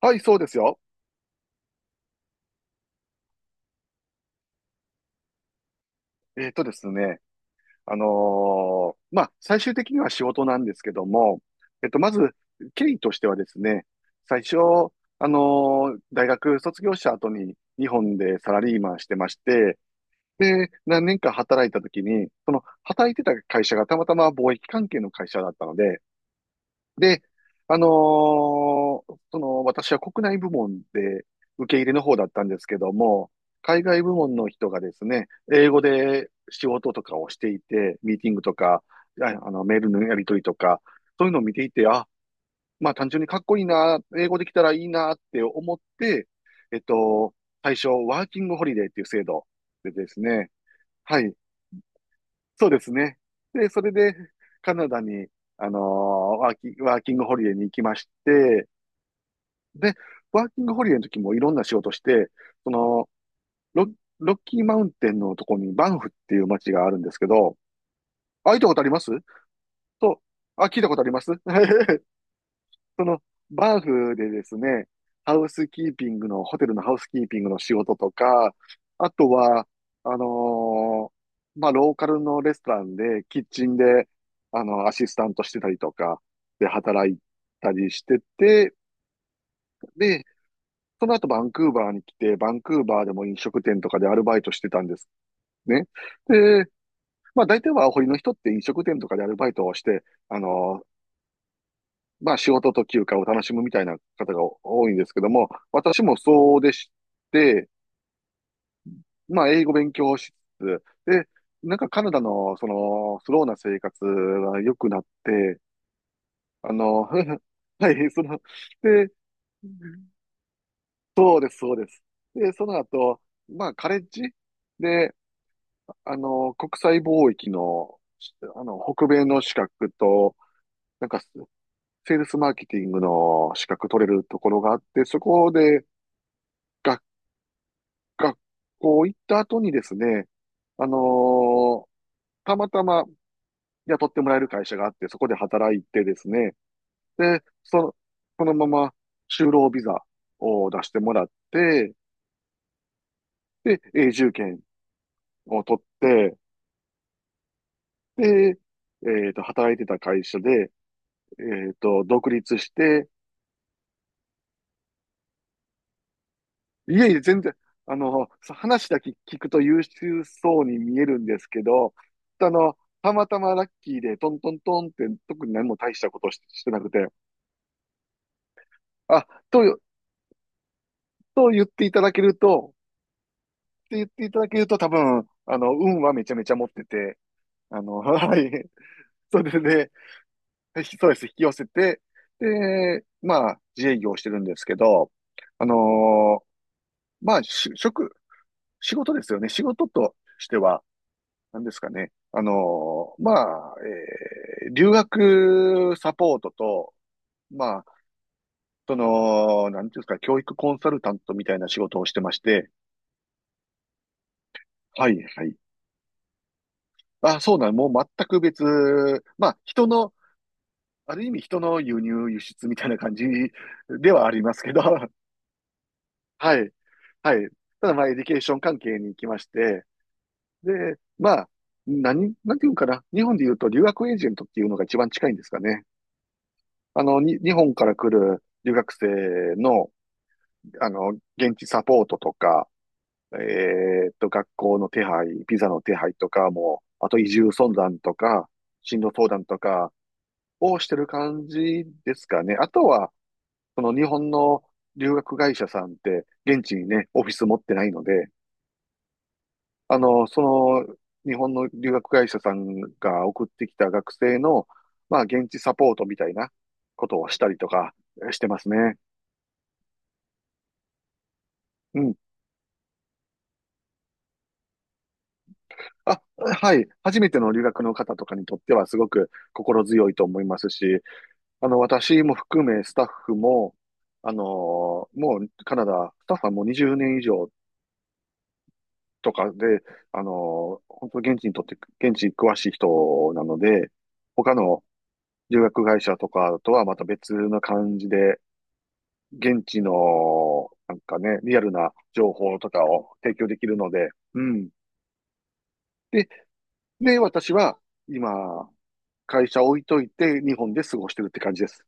はい、そうですよ。えっとですね、あのーまあ、最終的には仕事なんですけども、まず、経緯としてはですね、最初、あの大学卒業した後に日本でサラリーマンしてまして、で、何年か働いた時に、その働いてた会社がたまたま貿易関係の会社だったので、で、私は国内部門で受け入れの方だったんですけども、海外部門の人がですね、英語で仕事とかをしていて、ミーティングとか、メールのやり取りとか、そういうのを見ていて、まあ単純にかっこいいな、英語できたらいいなって思って、えっと、最初、ワーキングホリデーっていう制度でですね、はい、そうですね。で、それで、カナダに、ワーキングホリデーに行きまして、で、ワーキングホリデーの時もいろんな仕事して、その、ロ、ロッキーマウンテンのとこにバンフっていう街があるんですけど、あ、行ったことありますと、あ、聞いたことあります その、バーフでですね、ハウスキーピングの、ホテルのハウスキーピングの仕事とか、あとは、あのローカルのレストランで、キッチンで、アシスタントしてたりとか、で、働いたりしてて、で、その後バンクーバーに来て、バンクーバーでも飲食店とかでアルバイトしてたんですね。で、まあ、大体はアホリの人って飲食店とかでアルバイトをして、まあ仕事と休暇を楽しむみたいな方が多いんですけども、私もそうでして、まあ英語勉強しつつ、で、なんかカナダのそのスローな生活が良くなって、あの、はい、で、そうです、そうです。で、その後、まあカレッジで、国際貿易の、北米の資格と、なんかセールスマーケティングの資格取れるところがあって、そこで、が学校行った後にですね、あのーたまたま雇ってもらえる会社があって、そこで働いてですね、で、そのまま就労ビザを出してもらって、で、永住権を取って、で、働いてた会社で、独立して、いえいえ、全然、話だけ聞くと優秀そうに見えるんですけど、あの、たまたまラッキーでトントントンって特に何も大したことしてなくて、あ、と、と言っていただけると、って言っていただけると多分、運はめちゃめちゃ持ってて、はい。それで、そうです、引き寄せて、で、まあ、自営業をしてるんですけど、あのーまあ、仕事ですよね。仕事としては、なんですかね。まあ、留学サポートと、まあ、その、なんていうんですか、教育コンサルタントみたいな仕事をしてまして、はい、はい。あ、そうなん、もう全く別、まあ、ある意味人の輸入、輸出みたいな感じではありますけど、はい、はい。ただ、まあ、エデュケーション関係に行きまして、で、まあ、なんていうんかな。日本で言うと留学エージェントっていうのが一番近いんですかね。日本から来る留学生の、あの、現地サポートとか、えーっと、学校の手配、ビザの手配とかも、あと移住相談とか、進路相談とかをしてる感じですかね。あとは、その日本の留学会社さんって、現地にね、オフィス持ってないので、あの、その、日本の留学会社さんが送ってきた学生の、まあ、現地サポートみたいなことをしたりとかしてますね。うん。あ、はい。初めての留学の方とかにとってはすごく心強いと思いますし、私も含めスタッフも、あのもうカナダ、スタッフはもう20年以上とかで、あの本当現地にとって、現地に詳しい人なので、他の留学会社とかとはまた別な感じで、現地の、なんかね、リアルな情報とかを提供できるので、うん。で、私は今、会社置いといて、日本で過ごしてるって感じです。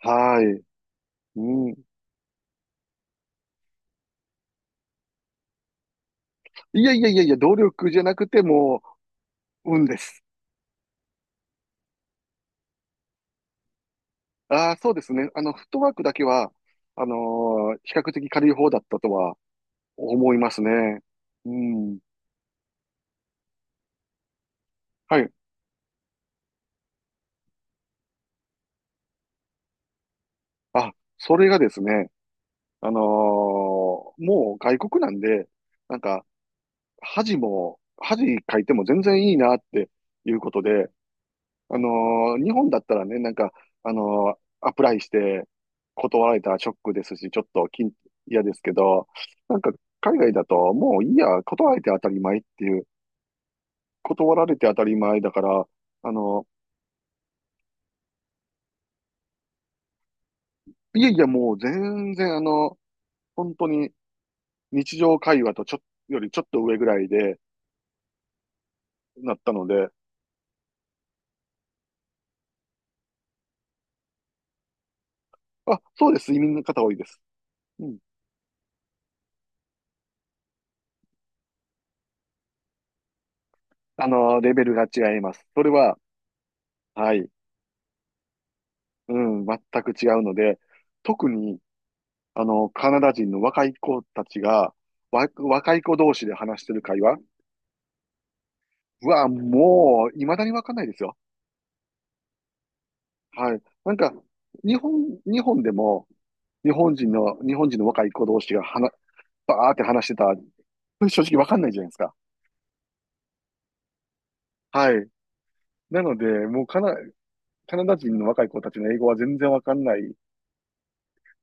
はい。うん。いやいやいやいや、努力じゃなくてもう、運です。ああ、そうですね。フットワークだけは、あの比較的軽い方だったとは思いますね。うん。はい。あ、それがですね、あのーもう外国なんで、なんか、恥かいても全然いいなっていうことで、日本だったらね、なんか、アプライして断られたらショックですし、ちょっと嫌ですけど、なんか、海外だと、もういいや、断られて当たり前っていう、断られて当たり前だから、あのいやいや、もう全然、本当に日常会話とちょ、よりちょっと上ぐらいでなったので、あ、そうです、移民の方多いです。うん。レベルが違います。それは、はい、うん、全く違うので、特に、カナダ人の若い子たちが、若い子同士で話してる会話。うわ、もう、未だにわかんないですよ。はい。なんか、日本、日本でも、日本人の若い子同士が、バーって話してた、これ正直わかんないじゃないですか。はい。なので、もうカナ、カナダ人の若い子たちの英語は全然わかんない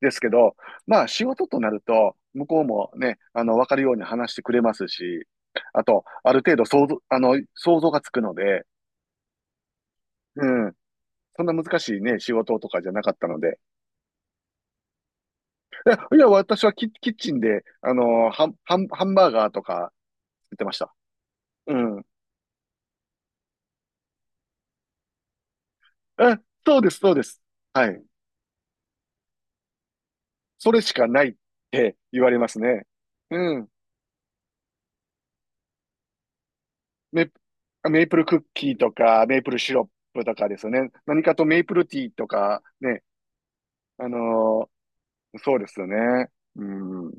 ですけど、まあ、仕事となると、向こうもね、わかるように話してくれますし、あと、ある程度想像がつくので、うん。そんな難しいね、仕事とかじゃなかったので。いや、私はキ、キッチンで、ハンバーガーとか作ってました。うん。え、そうです、そうです。はい。それしかないって言われますね。うん。メ、メープルクッキーとか、メープルシロップとかですよね。何かとメープルティーとか、ね。あのそうですよね。うん。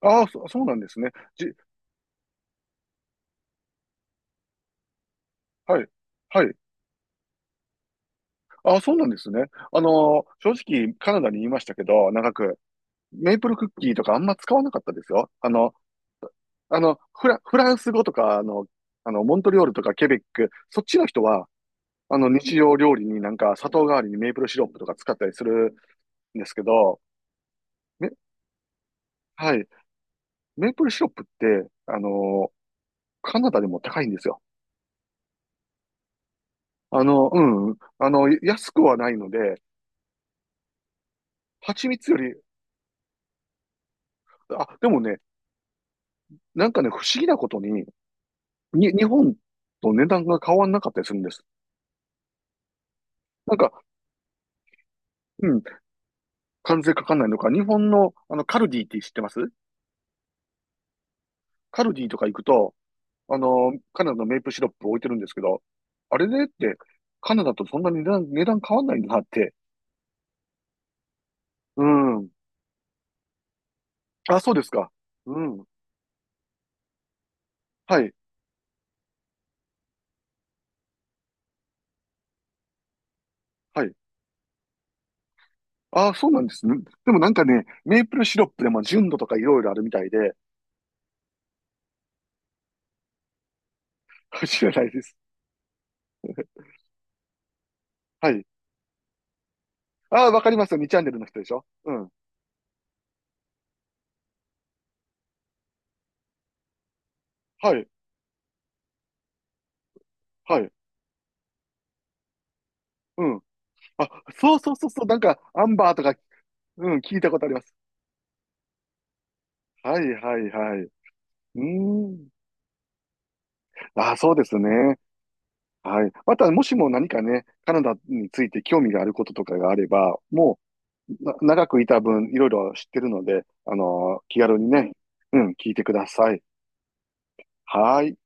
ああ、そうなんですね。じ、はい。はい。ああ、そうなんですね。正直、カナダにいましたけど、長く。メープルクッキーとかあんま使わなかったですよ。あの、フランス語とか、あの、モントリオールとかケベック、そっちの人は、日常料理になんか砂糖代わりにメープルシロップとか使ったりするんですけど、め、はい。メープルシロップって、カナダでも高いんですよ。安くはないので、蜂蜜より、あ、でもね、なんかね、不思議なことに、日本と値段が変わんなかったりするんです。なんか、うん関税かかんないのか、日本の、カルディって知ってます？カルディとか行くと、カナダのメープシロップ置いてるんですけど、あれでって、カナダとそんなに値段変わんないんだなって。うん。あ、そうですか。うん。はい。はい。あ、そうなんですね。でもなんかね、メープルシロップでも純度とかいろいろあるみたいで、知らないです。はい。あ、わかりますよ。2チャンネルの人でしょうん。はい。はい。うん。あ、そうそうそうそう。なんか、アンバーとか、うん、聞いたことあります。はい、はい、はい。うーん。ああ、そうですね。はい。また、もしも何かね、カナダについて興味があることとかがあれば、もう、長くいた分、いろいろ知ってるので、気軽にね、うん、聞いてください。はい。